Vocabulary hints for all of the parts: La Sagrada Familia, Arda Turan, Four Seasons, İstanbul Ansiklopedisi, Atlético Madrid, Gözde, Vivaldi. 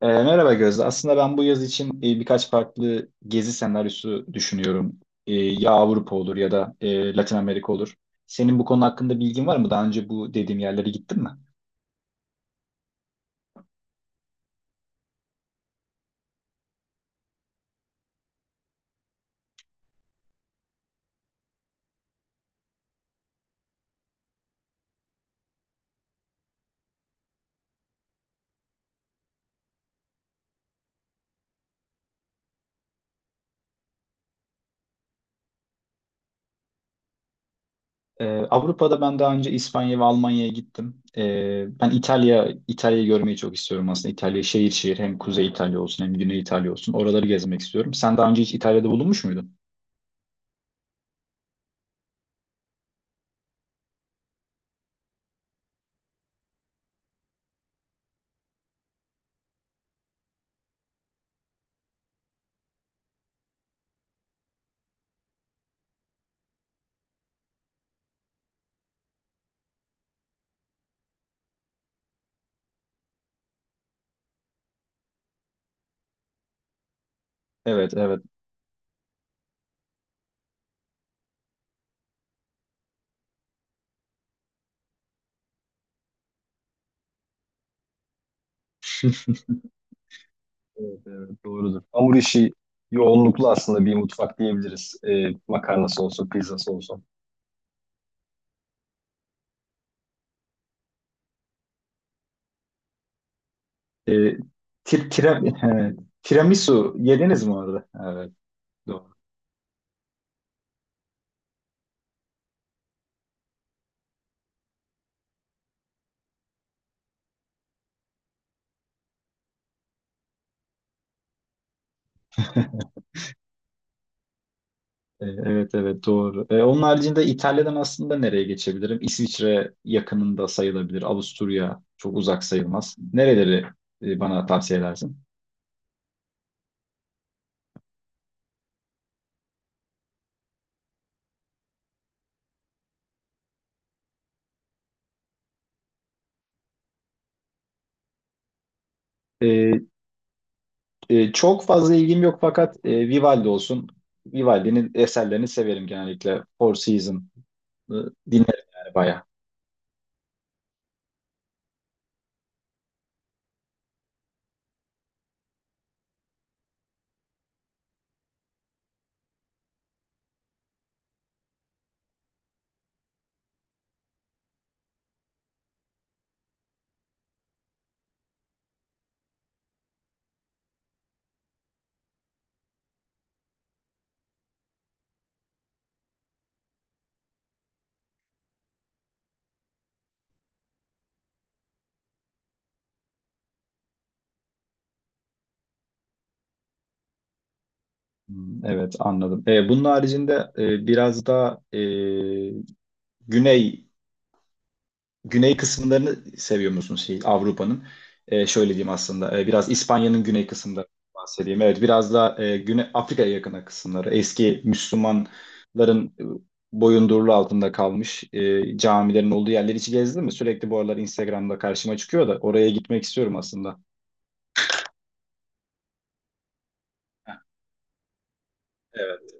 Merhaba Gözde. Aslında ben bu yaz için birkaç farklı gezi senaryosu düşünüyorum. Ya Avrupa olur ya da Latin Amerika olur. Senin bu konu hakkında bilgin var mı? Daha önce bu dediğim yerlere gittin mi? Ee, Avrupa'da ben daha önce İspanya ve Almanya'ya gittim. Ben İtalya'yı görmeyi çok istiyorum aslında. İtalya şehir şehir, hem Kuzey İtalya olsun hem Güney İtalya olsun. Oraları gezmek istiyorum. Sen daha önce hiç İtalya'da bulunmuş muydun? Evet, evet. Evet, evet, doğrudur. Hamur işi yoğunluklu aslında bir mutfak diyebiliriz. Makarnası olsun, pizzası olsun. Ee, Tir, tira- he, Tiramisu yediniz mi orada? Evet, doğru. Evet, evet, doğru. Onun haricinde İtalya'dan aslında nereye geçebilirim? İsviçre yakınında sayılabilir. Avusturya çok uzak sayılmaz. Nereleri bana tavsiye edersin? E, Çok fazla ilgim yok fakat Vivaldi olsun. Vivaldi'nin eserlerini severim genellikle. Four Seasons e, dinlerim yani bayağı. Hmm, evet, anladım. Bunun haricinde biraz da güney güney kısımlarını seviyor musun şey Avrupa'nın? Şöyle diyeyim, aslında biraz İspanya'nın güney kısımları bahsedeyim. Evet, biraz da Güney Afrika'ya yakın kısımları. Eski Müslümanların boyundurulu altında kalmış camilerin olduğu yerleri hiç gezdin mi? Sürekli bu aralar Instagram'da karşıma çıkıyor da oraya gitmek istiyorum aslında. Heh, evet.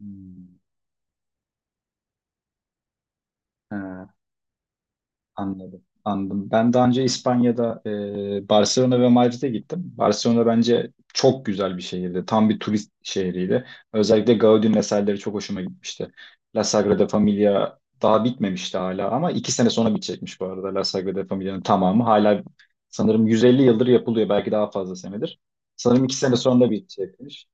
Hmm. Ha. Anladım, anladım. Ben daha önce İspanya'da Barcelona ve Madrid'e gittim. Barcelona bence çok güzel bir şehirdi. Tam bir turist şehriydi. Özellikle Gaudi'nin eserleri çok hoşuma gitmişti. La Sagrada Familia daha bitmemişti hala, ama iki sene sonra bitecekmiş bu arada La Sagrada Familia'nın tamamı. Hala sanırım 150 yıldır yapılıyor. Belki daha fazla senedir. Sanırım iki sene sonra bitecekmiş.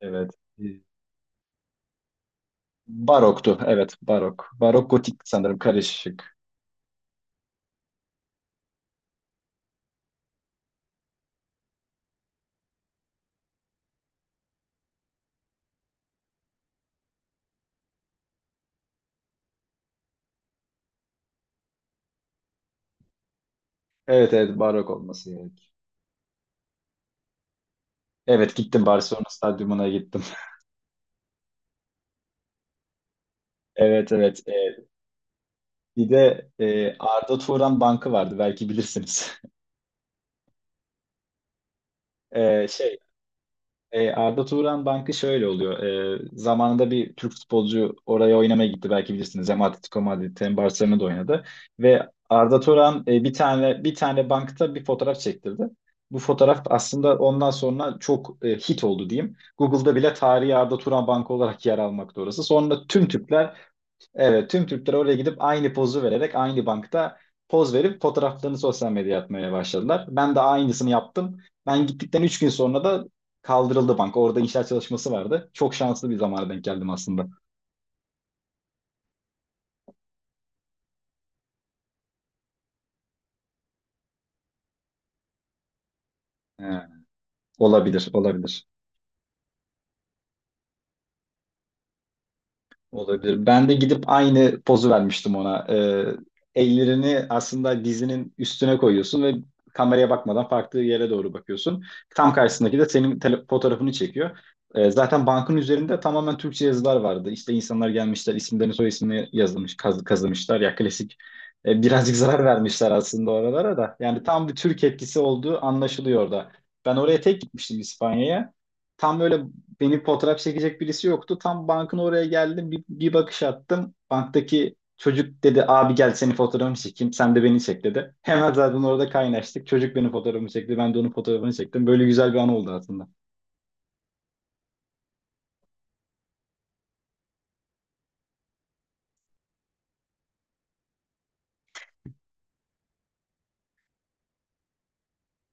Evet. E, Baroktu. Evet, barok. Barok gotik sanırım karışık. Evet, evet, barok olması. Evet, gittim, Barcelona stadyumuna gittim. Evet, evet. Bir de Arda Turan Bankı vardı, belki bilirsiniz. E, şey Arda Turan Bankı şöyle oluyor. Zamanında bir Türk futbolcu oraya oynamaya gitti, belki bilirsiniz. Hem Atletico Madrid hem Barcelona'da oynadı ve Arda Turan bir tane bankta bir fotoğraf çektirdi. Bu fotoğraf aslında ondan sonra çok hit oldu diyeyim. Google'da bile tarihi Arda Turan Bankı olarak yer almakta orası. Sonra tüm Türkler. Evet, tüm Türkler oraya gidip aynı pozu vererek aynı bankta poz verip fotoğraflarını sosyal medyaya atmaya başladılar. Ben de aynısını yaptım. Ben gittikten 3 gün sonra da kaldırıldı bank. Orada inşaat çalışması vardı. Çok şanslı bir zamana denk geldim aslında. He, olabilir, olabilir. Olabilir. Ben de gidip aynı pozu vermiştim ona. Ellerini aslında dizinin üstüne koyuyorsun ve kameraya bakmadan farklı yere doğru bakıyorsun. Tam karşısındaki de senin fotoğrafını çekiyor. Zaten bankın üzerinde tamamen Türkçe yazılar vardı. İşte insanlar gelmişler, isimlerini soy ismini yazılmış, kazımışlar. Ya klasik birazcık zarar vermişler aslında oralara da. Yani tam bir Türk etkisi olduğu anlaşılıyor orada. Ben oraya tek gitmiştim, İspanya'ya. Tam böyle beni fotoğraf çekecek birisi yoktu. Tam bankın oraya geldim. Bir bakış attım. Banktaki çocuk dedi, abi gel seni fotoğrafını çekeyim. Sen de beni çek, dedi. Hemen zaten orada kaynaştık. Çocuk benim fotoğrafımı çekti. Ben de onun fotoğrafını çektim. Böyle güzel bir an oldu aslında.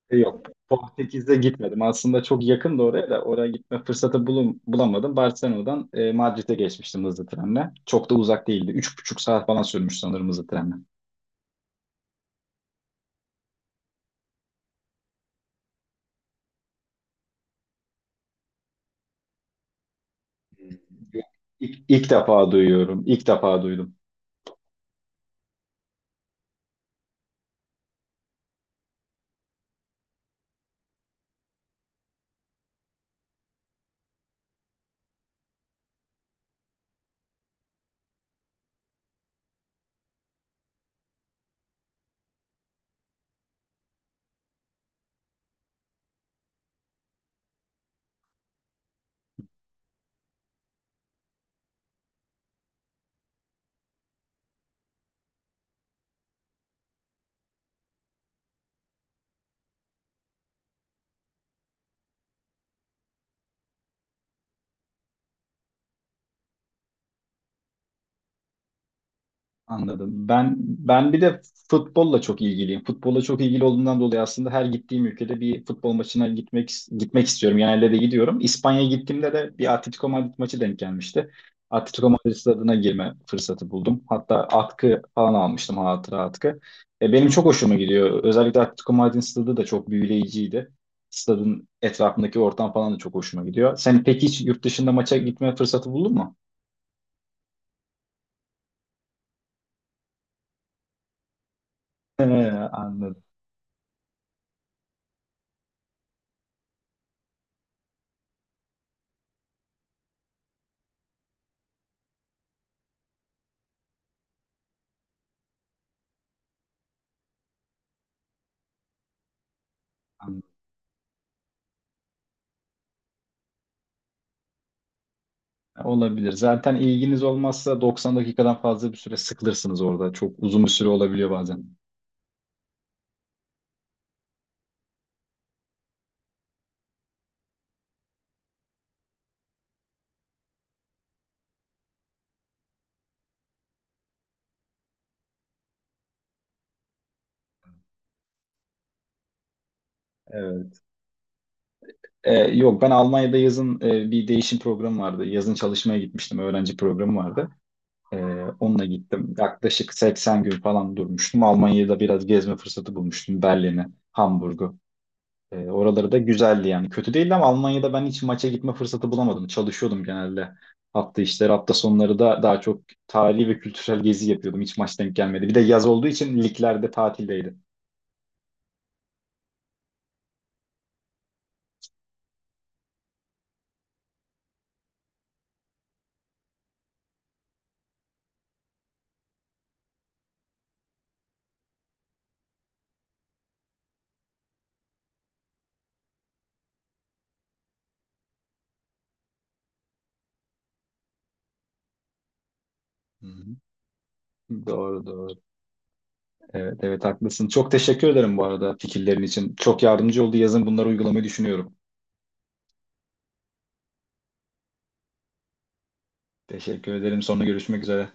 Yok, Portekiz'de gitmedim. Aslında çok yakın da oraya da oraya gitme fırsatı bulamadım. Barcelona'dan Madrid'e geçmiştim hızlı trenle. Çok da uzak değildi. Üç buçuk saat falan sürmüş sanırım hızlı trenle. İlk defa duyuyorum. İlk defa duydum. Anladım. Ben bir de futbolla çok ilgiliyim. Futbolla çok ilgili olduğumdan dolayı aslında her gittiğim ülkede bir futbol maçına gitmek istiyorum. Genelde de gidiyorum. İspanya'ya gittiğimde de bir Atletico Madrid maçı denk gelmişti. Atletico Madrid stadına girme fırsatı buldum. Hatta atkı falan almıştım, hatıra atkı. Benim çok hoşuma gidiyor. Özellikle Atletico Madrid stadı da çok büyüleyiciydi. Stadın etrafındaki ortam falan da çok hoşuma gidiyor. Sen peki hiç yurt dışında maça gitme fırsatı buldun mu? Anladım, anladım. Olabilir. Zaten ilginiz olmazsa 90 dakikadan fazla bir süre sıkılırsınız orada. Çok uzun bir süre olabiliyor bazen. Evet. Yok, ben Almanya'da yazın bir değişim programı vardı. Yazın çalışmaya gitmiştim. Öğrenci programı vardı. Ee, Onunla gittim. Yaklaşık 80 gün falan durmuştum. Almanya'da biraz gezme fırsatı bulmuştum. Berlin'i, Hamburg'u. Oraları da güzeldi yani. Kötü değildi ama Almanya'da ben hiç maça gitme fırsatı bulamadım. Çalışıyordum genelde. Hafta işleri, hafta sonları da daha çok tarihi ve kültürel gezi yapıyordum. Hiç maç denk gelmedi. Bir de yaz olduğu için liglerde tatildeydi. Hı hı. Doğru, doğru. Evet, evet, haklısın. Çok teşekkür ederim bu arada fikirlerin için. Çok yardımcı oldu. Yazın bunları uygulamayı düşünüyorum. Teşekkür ederim. Sonra görüşmek üzere.